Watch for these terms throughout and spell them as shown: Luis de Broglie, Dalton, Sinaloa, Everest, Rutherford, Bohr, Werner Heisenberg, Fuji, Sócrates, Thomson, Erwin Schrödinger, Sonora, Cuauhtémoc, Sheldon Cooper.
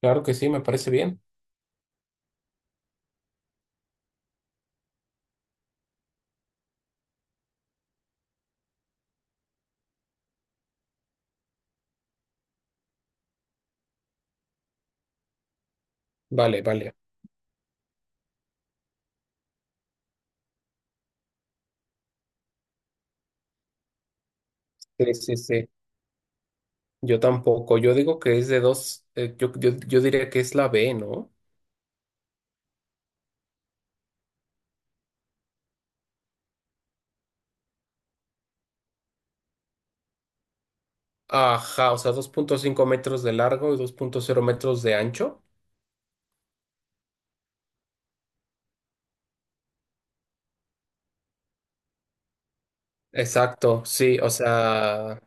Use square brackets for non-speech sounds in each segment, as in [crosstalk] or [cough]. Claro que sí, me parece bien. Vale, vale. Sí, sí, sí. Yo tampoco. Yo digo que es de dos, yo diría que es la B, ¿no? Ajá, o sea, 2,5 metros de largo y 2,0 metros de ancho. Exacto, sí, o sea,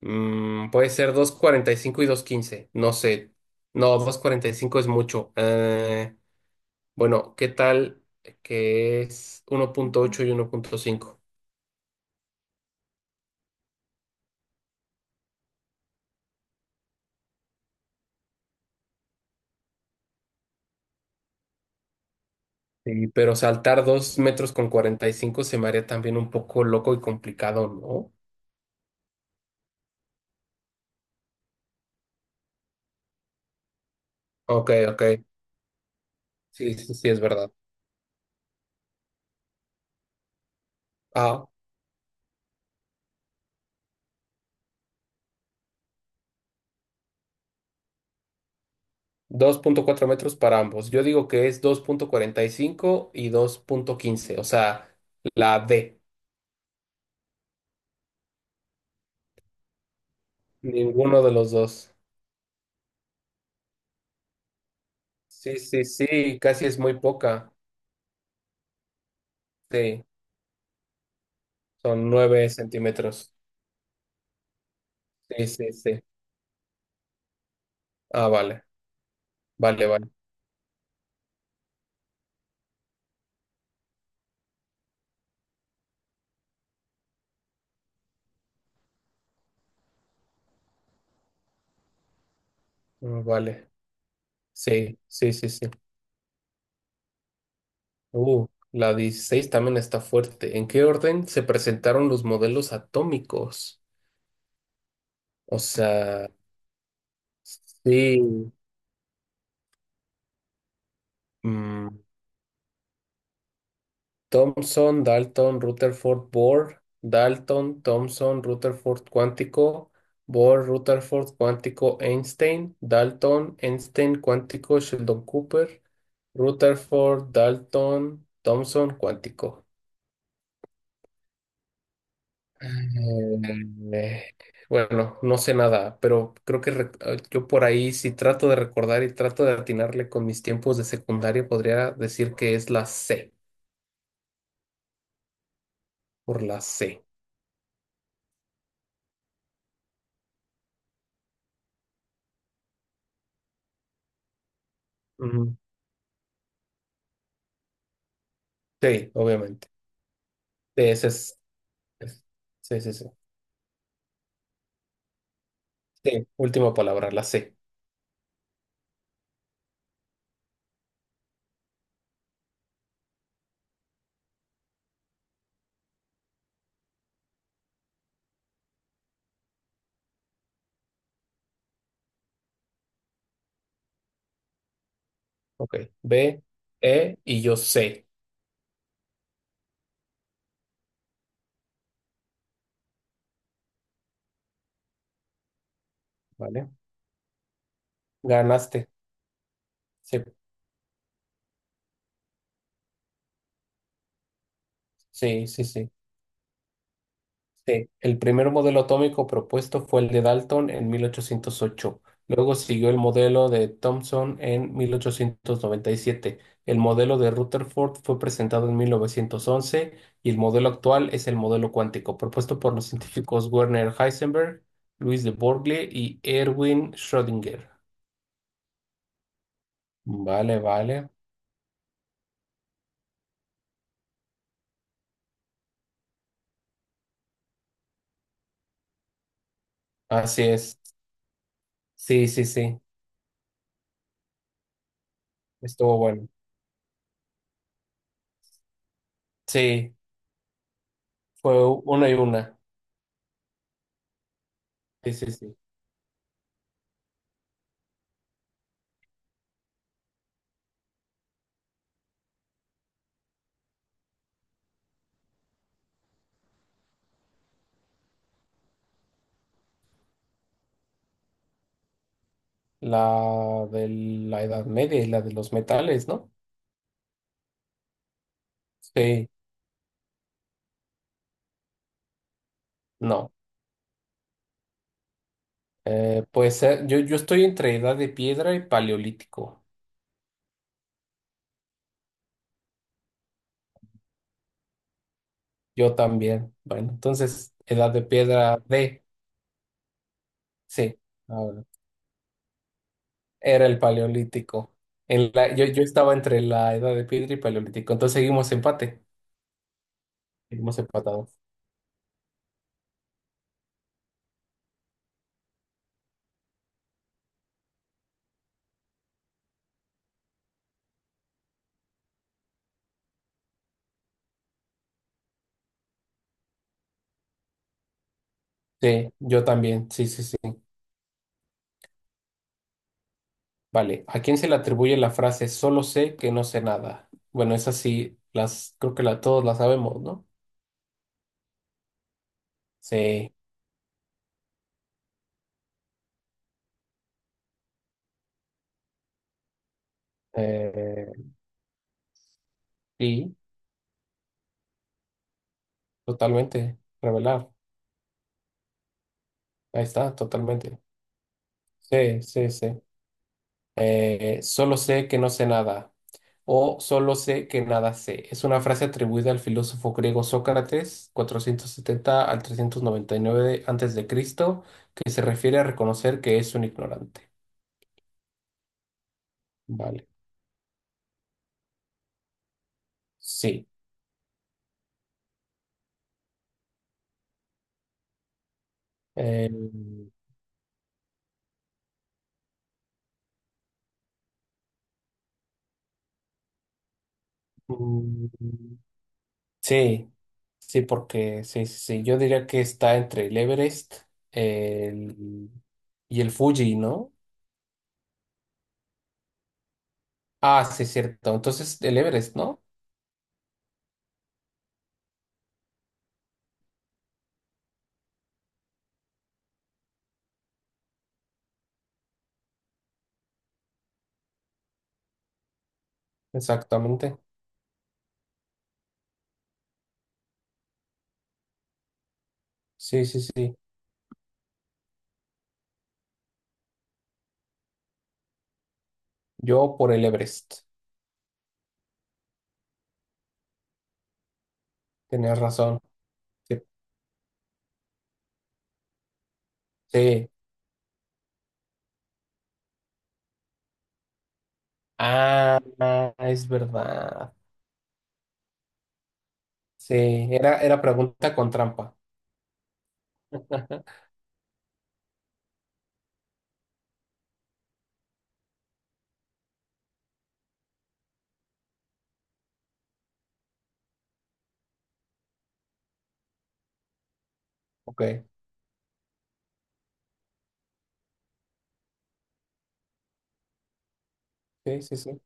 puede ser 2,45 y 2,15. No sé. No, 2,45 es mucho. Bueno, ¿qué tal que es 1,8 y 1,5? Sí, pero saltar 2,45 metros se me haría también un poco loco y complicado, ¿no? Ok, ok. Sí, sí, sí, es verdad. Ah, 2,4 metros para ambos. Yo digo que es 2,45 y 2,15. O sea, la D. Ninguno de los dos. Sí, sí, sí, casi es muy poca. Sí, son 9 centímetros. Sí, sí, sí. Ah, vale, vale, vale. Mm, vale. Sí, sí, sí, sí. La 16 también está fuerte. ¿En qué orden se presentaron los modelos atómicos? O sea, sí. mm, Thomson, Dalton, Rutherford, Bohr, Dalton, Thomson, Rutherford cuántico, Bohr, Rutherford cuántico, Einstein, Dalton, Einstein cuántico, Sheldon Cooper, Rutherford, Dalton, Thomson cuántico. Mm, Eh, bueno, no sé nada, pero creo que yo por ahí, si trato de recordar y trato de atinarle con mis tiempos de secundaria, podría decir que es la C, por la C. Ujú. Sí, obviamente. Sí, ese es, es- sí, sí, sí. Sí, última palabra, la C. Ok. B, E y yo C. ¿Vale? Ganaste. Sí, sí, sí, sí. Sí, el primer modelo atómico propuesto fue el de Dalton en 1808. Luego siguió el modelo de Thomson en 1897. El modelo de Rutherford fue presentado en 1911 y el modelo actual es el modelo cuántico, propuesto por los científicos Werner Heisenberg, Luis de Broglie y Erwin Schrödinger. Vale, vale. Así es. Sí, sí, sí. Estuvo bueno. Sí, fue una y una. Sí, sí, sí. La de la Edad Media y la de los metales, ¿no? Sí, no. Pues yo estoy entre Edad de Piedra y Paleolítico. Yo también. Bueno, entonces, Edad de Piedra D, sí, ahora, era el Paleolítico. Yo estaba entre la Edad de Piedra y Paleolítico. Entonces seguimos empate. Seguimos empatados. Sí, yo también. Sí, sí, sí. Vale. ¿A quién se le atribuye la frase solo sé que no sé nada? Bueno, esas sí, las, creo que la, todos las sabemos, ¿no? Sí, eh, sí, totalmente, revelar. Ahí está, totalmente. Sí, sí, sí. Solo sé que no sé nada. O solo sé que nada sé. Es una frase atribuida al filósofo griego Sócrates, (470 al 399 a. C.), que se refiere a reconocer que es un ignorante. Vale. Sí. Eh, mm, Sí, sí, porque sí, sí, sí. Yo diría que está entre el Everest el- y el Fuji, ¿no? Ah, sí, cierto. Entonces, el Everest, ¿no? Exactamente. Sí, sí, sí. Yo por el Everest. Tenías razón. Sí. Sí. Ah, ah, es verdad. Sí, era pregunta con trampa. [laughs] Ok. Sí, sí, sí.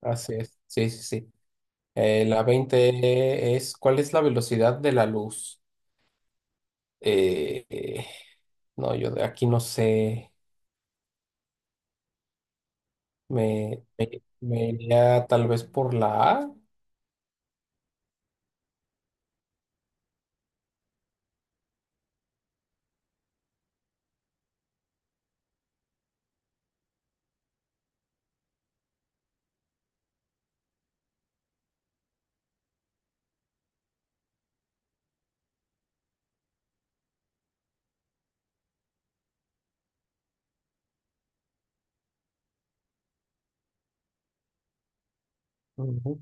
Así es. Sí, sí, sí. La 20 es, ¿cuál es la velocidad de la luz? Eh, eh, no, yo de aquí no sé. Me, me, me iría tal vez por la A. Ujú.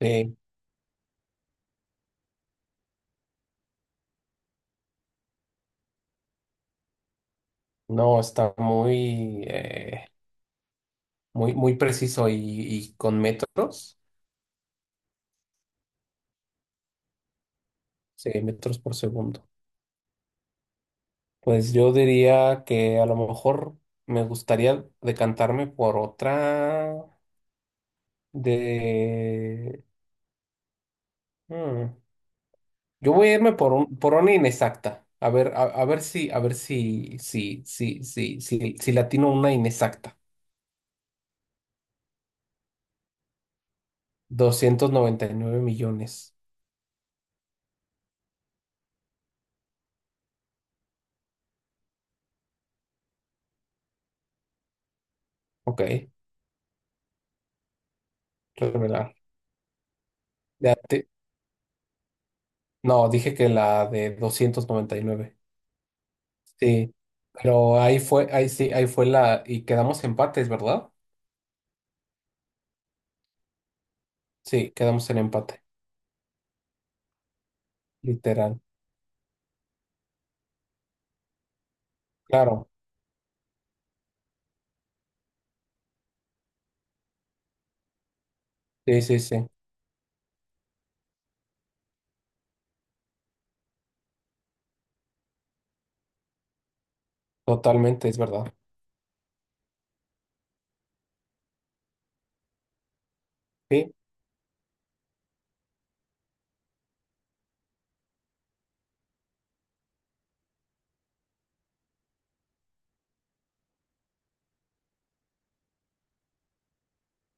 Eh, no, está muy, muy, muy preciso y con metros. Sí, metros por segundo. Pues yo diría que a lo mejor me gustaría decantarme por otra de. hmm, Yo voy a irme por un, por una inexacta. A ver, a ver si, le atino una inexacta. 299 millones. Ok, revelar. Ya te- No, dije que la de 299. Sí, pero ahí fue, ahí sí, ahí fue la, y quedamos empates, ¿verdad? Sí, quedamos en empate, literal. Claro, sí, sí, sí, totalmente, es verdad. Sí,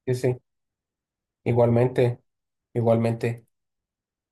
sí, sí, igualmente, igualmente.